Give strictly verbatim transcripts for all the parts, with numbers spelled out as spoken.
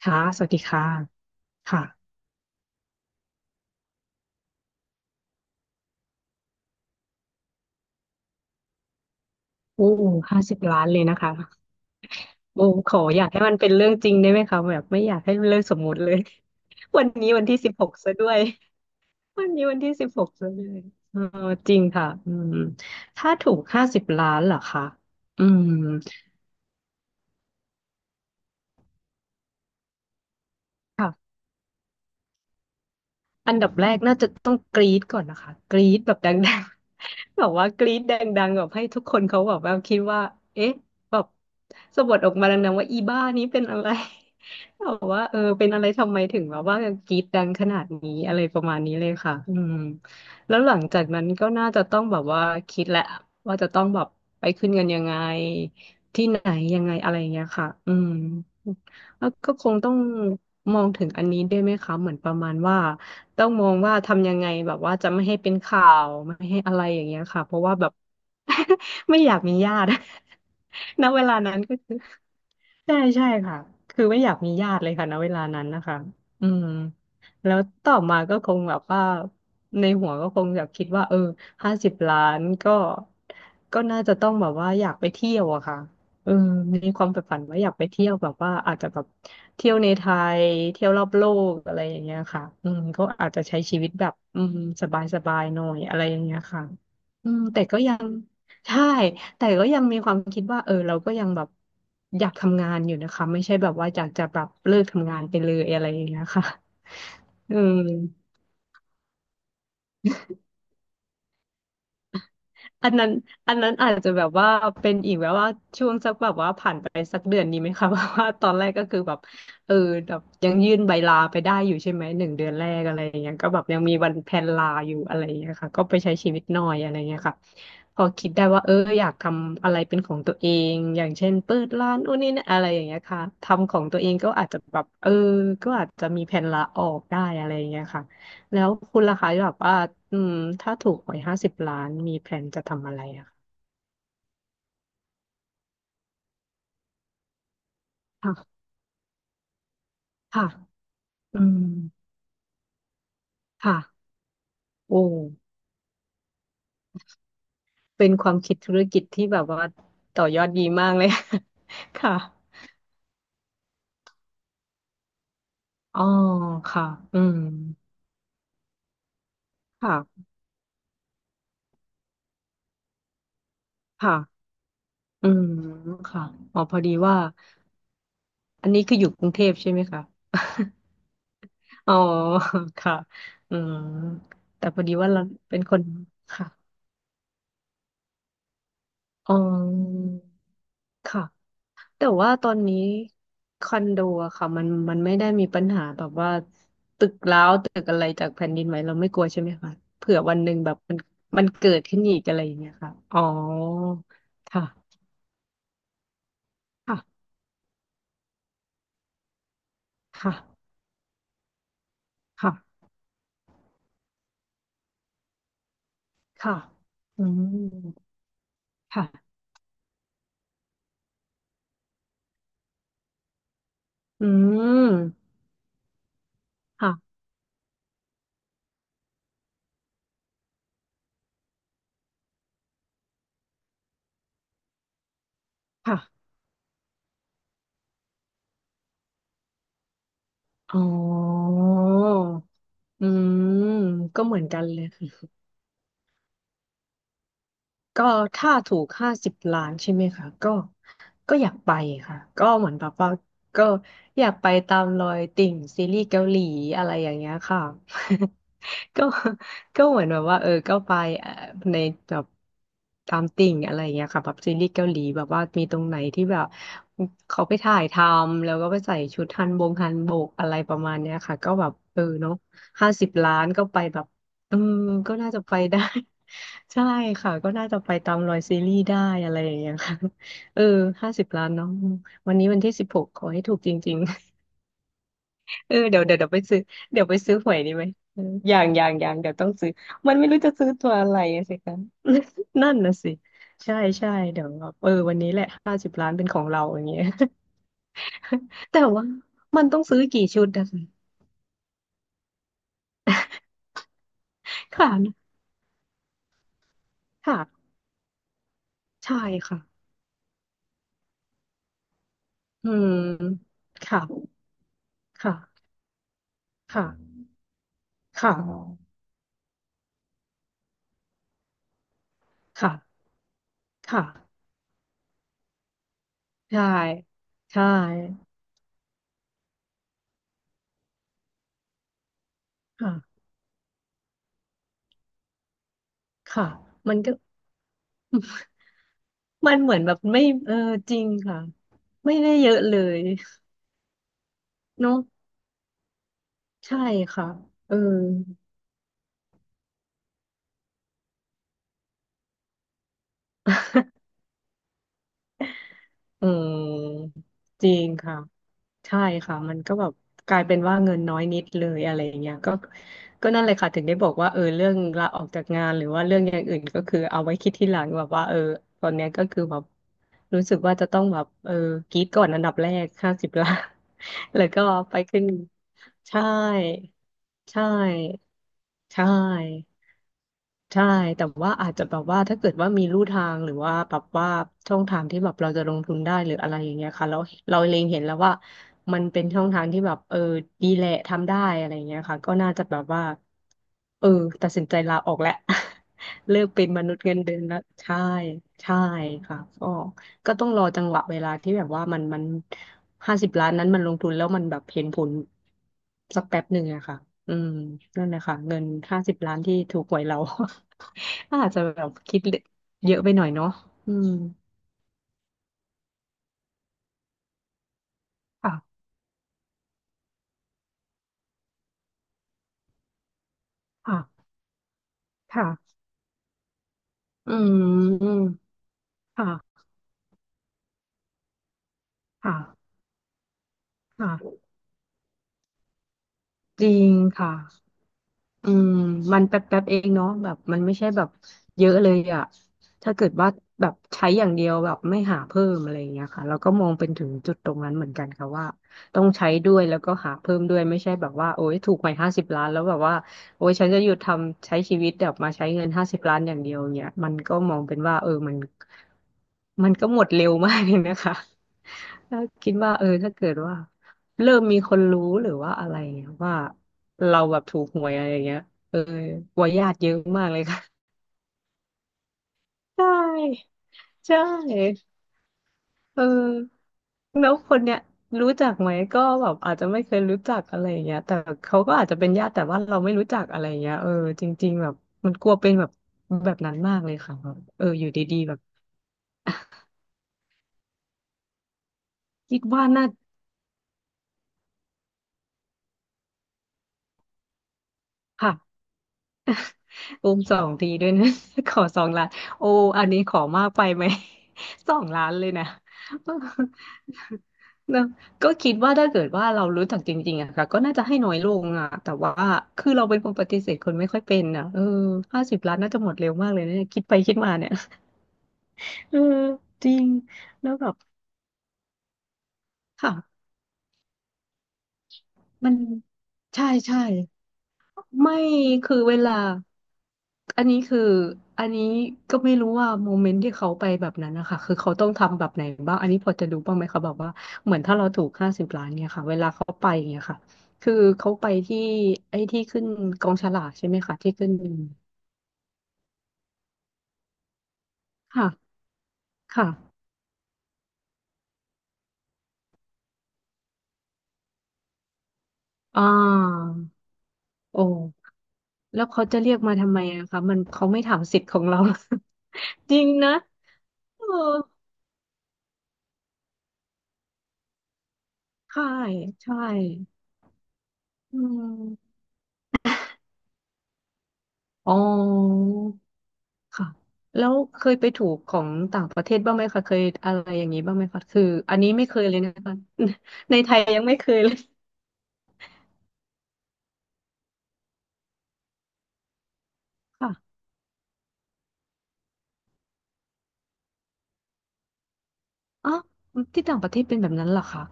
ค่ะสวัสดีค่ะค่ะโอ้ห้าสิบล้านเลยนะคะ โอ้ขออยากให้มันเป็นเรื่องจริงได้ไหมคะแบบไม่อยากให้เป็นเรื่องสมมุติเลย วันนี้วันที่สิบหกซะด้วย วันนี้วันที่สิบหกซะด้วยเออจริงค่ะอืมถ้าถูกห้าสิบล้านเหรอคะอืม อันดับแรกน่าจะต้องกรี๊ดก่อนนะคะกรี๊ดแบบดังๆ แบบว่ากรี๊ดดังๆแบบให้ทุกคนเขาแบบว่าคิดว่าเอ๊ะแบบสะบัดออกมาดังๆว่าอีบ้านี้เป็นอะไร แบบว่าเออเป็นอะไรทำไมถึงแบบว่ากรี๊ดดังขนาดนี้อะไรประมาณนี้เลยค่ะอืมแล้วหลังจากนั้นก็น่าจะต้องแบบว่าคิดแหละว่าจะต้องแบบไปขึ้นเงินยังไงที่ไหนยังไงอะไรอย่างเงี้ยค่ะอืมแล้วก็คงต้องมองถึงอันนี้ด้วยไหมคะเหมือนประมาณว่า ต้องมองว่าทำยังไงแบบว่าจะไม่ให้เป็นข่าวไม่ให้อะไรอย่างเงี้ยค่ะเพราะว่าแบบ ไม่อยากมีญาติ ณเวลานั้นก็คือ ใช่ใช่ค่ะ คือไม่อยากมีญาติเลยค่ะณเวลานั้นนะคะอืมแล้วต่อมาก็คงแบบว่าในหัวก็คงแบบคิดว่าเออห้าสิบล้านก็ก็น่าจะต้องแบบว่าอยากไปเที่ยวอะค่ะเออมีความใฝ่ฝันว่าอยากไปเที่ยวแบบว่าอาจจะแบบเที่ยวในไทยเที่ยวรอบโลกอะไรอย่างเงี้ยค่ะอืมก็อาจจะใช้ชีวิตแบบอืมสบายๆหน่อยอะไรอย่างเงี้ยค่ะอืมแต่ก็ยังใช่ แต่ก็ยังมีความคิดว่าเออเราก็ยังแบบอยากทำงานอยู่นะคะไม่ใช่แบบว่าอยากจะแบบเลิกทำงานไปเลยอะไรอย่างเงี้ยค่ะอืม อันนั้นอันนั้นอาจจะแบบว่าเป็นอีกแบบว่าช่วงสักแบบว่าผ่านไปสักเดือนนี้ไหมคะ เพราะว่าตอนแรกก็คือแบบเออแบบยังยื่นใบลาไปได้อยู่ใช่ไหมหนึ่งเดือนแรกอะไรอย่างเงี้ยก็แบบยังมีวันแพลนลาอยู่อะไรอย่างเงี้ยค่ะก็ไปใช้ชีวิตหน่อยอะไรเงี้ยค่ะพอคิดได้ว่าเอออยากทำอะไรเป็นของตัวเองอย่างเช่นเปิดร้านนู้นนี่นะอะไรอย่างเงี้ยค่ะทำของตัวเองก็อาจจะแบบเออก็อาจจะมีแผนลาออกได้อะไรอย่างเงี้ยค่ะ แล้วคุณล่ะคะแบบว่าอืมถ้าถูกหวยห้าสิบล้านมีแผนจะทำอะไรอะค่ะค่ะอืมค่ะโอ้เป็นความคิดธุรกิจที่แบบว่าต่อยอดดีมากเลย ค่ะอ๋อค่ะอืมค่ะค่ะอืมค่ะอ๋อพอดีว่าอันนี้คืออยู่กรุงเทพใช่ไหมคะ อ๋อค่ะอืมแต่พอดีว่าเราเป็นคนค่ะอ๋อค่ะ แต่ว่าตอนนี้คอนโดอะค่ะมันมันไม่ได้มีปัญหาแบบว่าตึกร้าวตึกอะไรจากแผ่นดินไหวเราไม่กลัวใช่ไหมคะเผื่อวันหนึ่งแบบมันมันเกิดขึ้นอีกอะไรอย่างเงี้ยค่ะอ๋อค่ะค่ะค่ะค่ะค่ะอืมค่ะอืมค่ะค่ะอ๋ออืมก็เหมือนกันเลย ก็ถ้าถูกห้าสิบล้านใช่ไหมคะก็ก็อยากไปค่ะก็เหมือนแบบว่าก็อยากไปตามรอยติ่งซีรีส์เกาหลีอะไรอย่างเงี้ยค่ะ ก็ก็เหมือนแบบว่าเออก็ไปเอ่อในแบบตามติ่งอะไรอย่างเงี้ยค่ะแบบซีรีส์เกาหลีแบบว่ามีตรงไหนที่แบบเขาไปถ่ายทำแล้วก็ไปใส่ชุดฮันบงฮันบกอะไรประมาณเนี้ยค่ะก็แบบเออเนาะห้าสิบล้านก็ไปแบบอืมก็น่าจะไปได้ ใช่ค่ะก็น่าจะไปตามรอยซีรีส์ได้อะไรอย่างเงี้ยค่ะ เออห้าสิบล้านเนาะวันนี้วันที่สิบหกขอให้ถูกจริงๆ เออเดี๋ยวเดี๋ยวเดี๋ยวไปซื้อเดี๋ยวไปซื้อหวยดีไหมเอออย่างอย่างอย่างเดี๋ยวต้องซื้อมันไม่รู้จะซื้อตัวอะไรอะสิคะ นั่นน่ะสิใช่ใช่เดี๋ยวแบบเออวันนี้แหละห้าสิบล้านเป็นของเราอย่างเงี้ย แต่ว่ามันต้องซื้อกี่ชุดนะคะค่ะค่ะใช่ค่ะอืมค่ะค่ะค่ะค่ะค่ะค่ะ ใช่ ใช่ ค่ะค่ะมันก็ มันเหมือนแบบไม่เออจริงค่ะ ไม่ได้เยอะเลยเนาะใช่ค่ะเอออืมจริงค่ะ ใช่ค่ะมันก็แบบกลายเป็นว่าเงินน้อยนิดเลยอะไรอย่างเงี้ยก็ก็นั่นเลยค่ะถึงได้บอกว่าเออเรื่องลาออกจากงานหรือว่าเรื่องอย่างอื่นก็คือเอาไว้คิดทีหลังแบบว่าเออตอนเนี้ยก็คือแบบรู้สึกว่าจะต้องแบบเออกรีดก่อนอันดับแรกห้าสิบล้าน แล้วก็ไปขึ้นใช่ใช่ใช่ ใช่ แต่ว่าอาจจะแบบว่าถ้าเกิดว่ามีลู่ทางหรือว่าแบบว่าช่องทางที่แบบเราจะลงทุนได้หรืออะไรอย่างเงี้ยค่ะแล้วเราเล็งเห็นแล้วว่ามันเป็นช่องทางที่แบบเออดีแหละทำได้อะไรอย่างเงี้ยค่ะก็น่าจะแบบว่าเออตัดสินใจลาออกแหละ เลิกเป็นมนุษย์เงินเดือนแล้วใช่ใช่ค่ะก็ก็ต้องรอจังหวะเวลาที่แบบว่ามันมัน ห้าสิบล้านนั้นมันลงทุนแล้วมันแบบเห็นผลสักแป๊บหนึ่งอะค่ะอืมนั่นแหละค่ะเงินห้าสิบล้านที่ถูกหวยเรา อาจจะแบบคิดเยอะไปหน่อยเนาะอืมค่ะค่ะ ค่ะ อืมค่ะค่ะค่ะจริงค่ะ อืมมันแป๊บแป๊บเองเนาะแบบมันไม่ใช่แบบเยอะเลยอะถ้าเกิดว่าแบบใช้อย่างเดียวแบบไม่หาเพิ่มอะไรอย่างเงี้ยค่ะแล้วก็มองเป็นถึงจุดตรงนั้นเหมือนกันค่ะว่าต้องใช้ด้วยแล้วก็หาเพิ่มด้วยไม่ใช่แบบว่าโอ้ยถูกหวยห้าสิบล้านแล้วแบบว่าโอ้ยฉันจะหยุดทำใช้ชีวิตแบบมาใช้เงินห้าสิบล้านอย่างเดียวเนี่ยมันก็มองเป็นว่าเออมันมันก็หมดเร็วมากเลยนะคะ แล้วคิดว่าเออถ้าเกิดว่าเริ่มมีคนรู้หรือว่าอะไรเนี่ยว่า เราแบบถูกหวยอะไรอย่างเงี้ยเออวัยญาติเยอะมากเลยค่ะ ใช่ใช่เออแล้วคนเนี้ยรู้จักไหมก็แบบอาจจะไม่เคยรู้จักอะไรอย่างเงี้ยแต่เขาก็อาจจะเป็นญาติแต่ว่าเราไม่รู้จักอะไรอย่างเงี้ยเออจริงๆแบบมันกลัวเป็นแบบแบบนั้นมากเลยค่ะแบบเอออยู่ดีๆแบบคิดว่าน่าค่ะโอมสองทีด้วยนะ ขอสองล้านโออันนี้ขอมากไปไหม สองล้านเลยนะ นะก็คิดว่าถ้าเกิดว่าเรารู้จักจริงๆอะค่ะก็น่าจะให้น้อยลงอะแต่ว่าคือเราเป็นคนปฏิเสธคนไม่ค่อยเป็นอะเออห้าสิบล้านน่าจะหมดเร็วมากเลยนะเนี่ยคิดไปคิดมาเนี่ยเออจริงแล้วแบบค่ะมันใช่ใช่ ไม่คือเวลาอันนี้คืออันนี้ก็ไม่รู้ว่าโมเมนต์ที่เขาไปแบบนั้นนะคะคือเขาต้องทำแบบไหนบ้างอันนี้พอจะรู้บ้างไหมคะแบบว่าเหมือนถ้าเราถูกห้าสิบล้านเนี่ยค่ะเวลาเขาไปอย่างเงี้ยค่ะคือเขาไปที่ไอ้ที่ขึ้นกองฉลากใช่ไหมคะที่ขึ้นค่ะค่ะอ่าโอ้แล้วเขาจะเรียกมาทำไมอะคะมันเขาไม่ถามสิทธิ์ของเรา จริงนะเออใช่ใช่อืมอ๋อ ค่ะแล้วเคยไปถูกของต่างประเทศบ้างไหมคะเคยอะไรอย่างนี้บ้างไหมคะคืออันนี้ไม่เคยเลยนะคะ ในไทยยังไม่เคยเลยค่ะอ๋อที่ต่างประเทศเป็นแบบนั้นเหรอคะ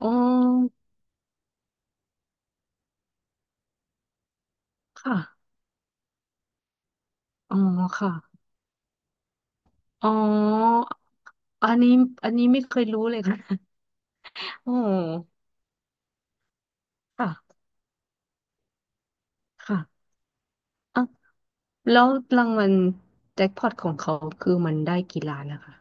อ๋อค่ะอ๋อค่ะอ๋ออันนี้อันนี้ไม่เคยรู้เลยค่ะ อ๋อค่ะค่ะอ่ะแล้วรางวัลแจ็คพอตของเขาคือมันได้กี่ล้านนะคะ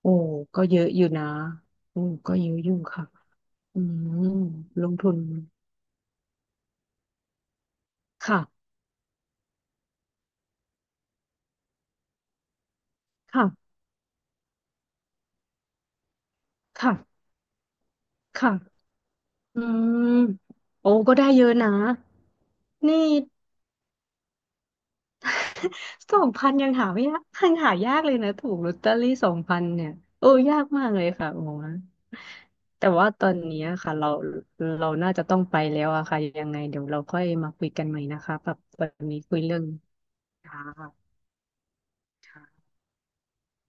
โอ้ก็เยอะอยู่นะโอ้ก็เยอะอยู่ค่ะอืมลงทุนค่ะ ค่ะ ค่ะ ค่ะ อืมโอ้ก็ได้เยอะนะ นี่ สองพันยังหาไม่ยากยังหายากเลยนะถูกลอตเตอรี่สองพันเนี่ย โอ้ยากมากเลยค่ะโอ้โแต่ว่าตอนนี้อะค่ะเราเราน่าจะต้องไปแล้วอะค่ะ ยังไงเดี๋ยวเราค่อยมาคุยกันใหม่นะคะแบบวันนี้คุยเรื่องค่ะ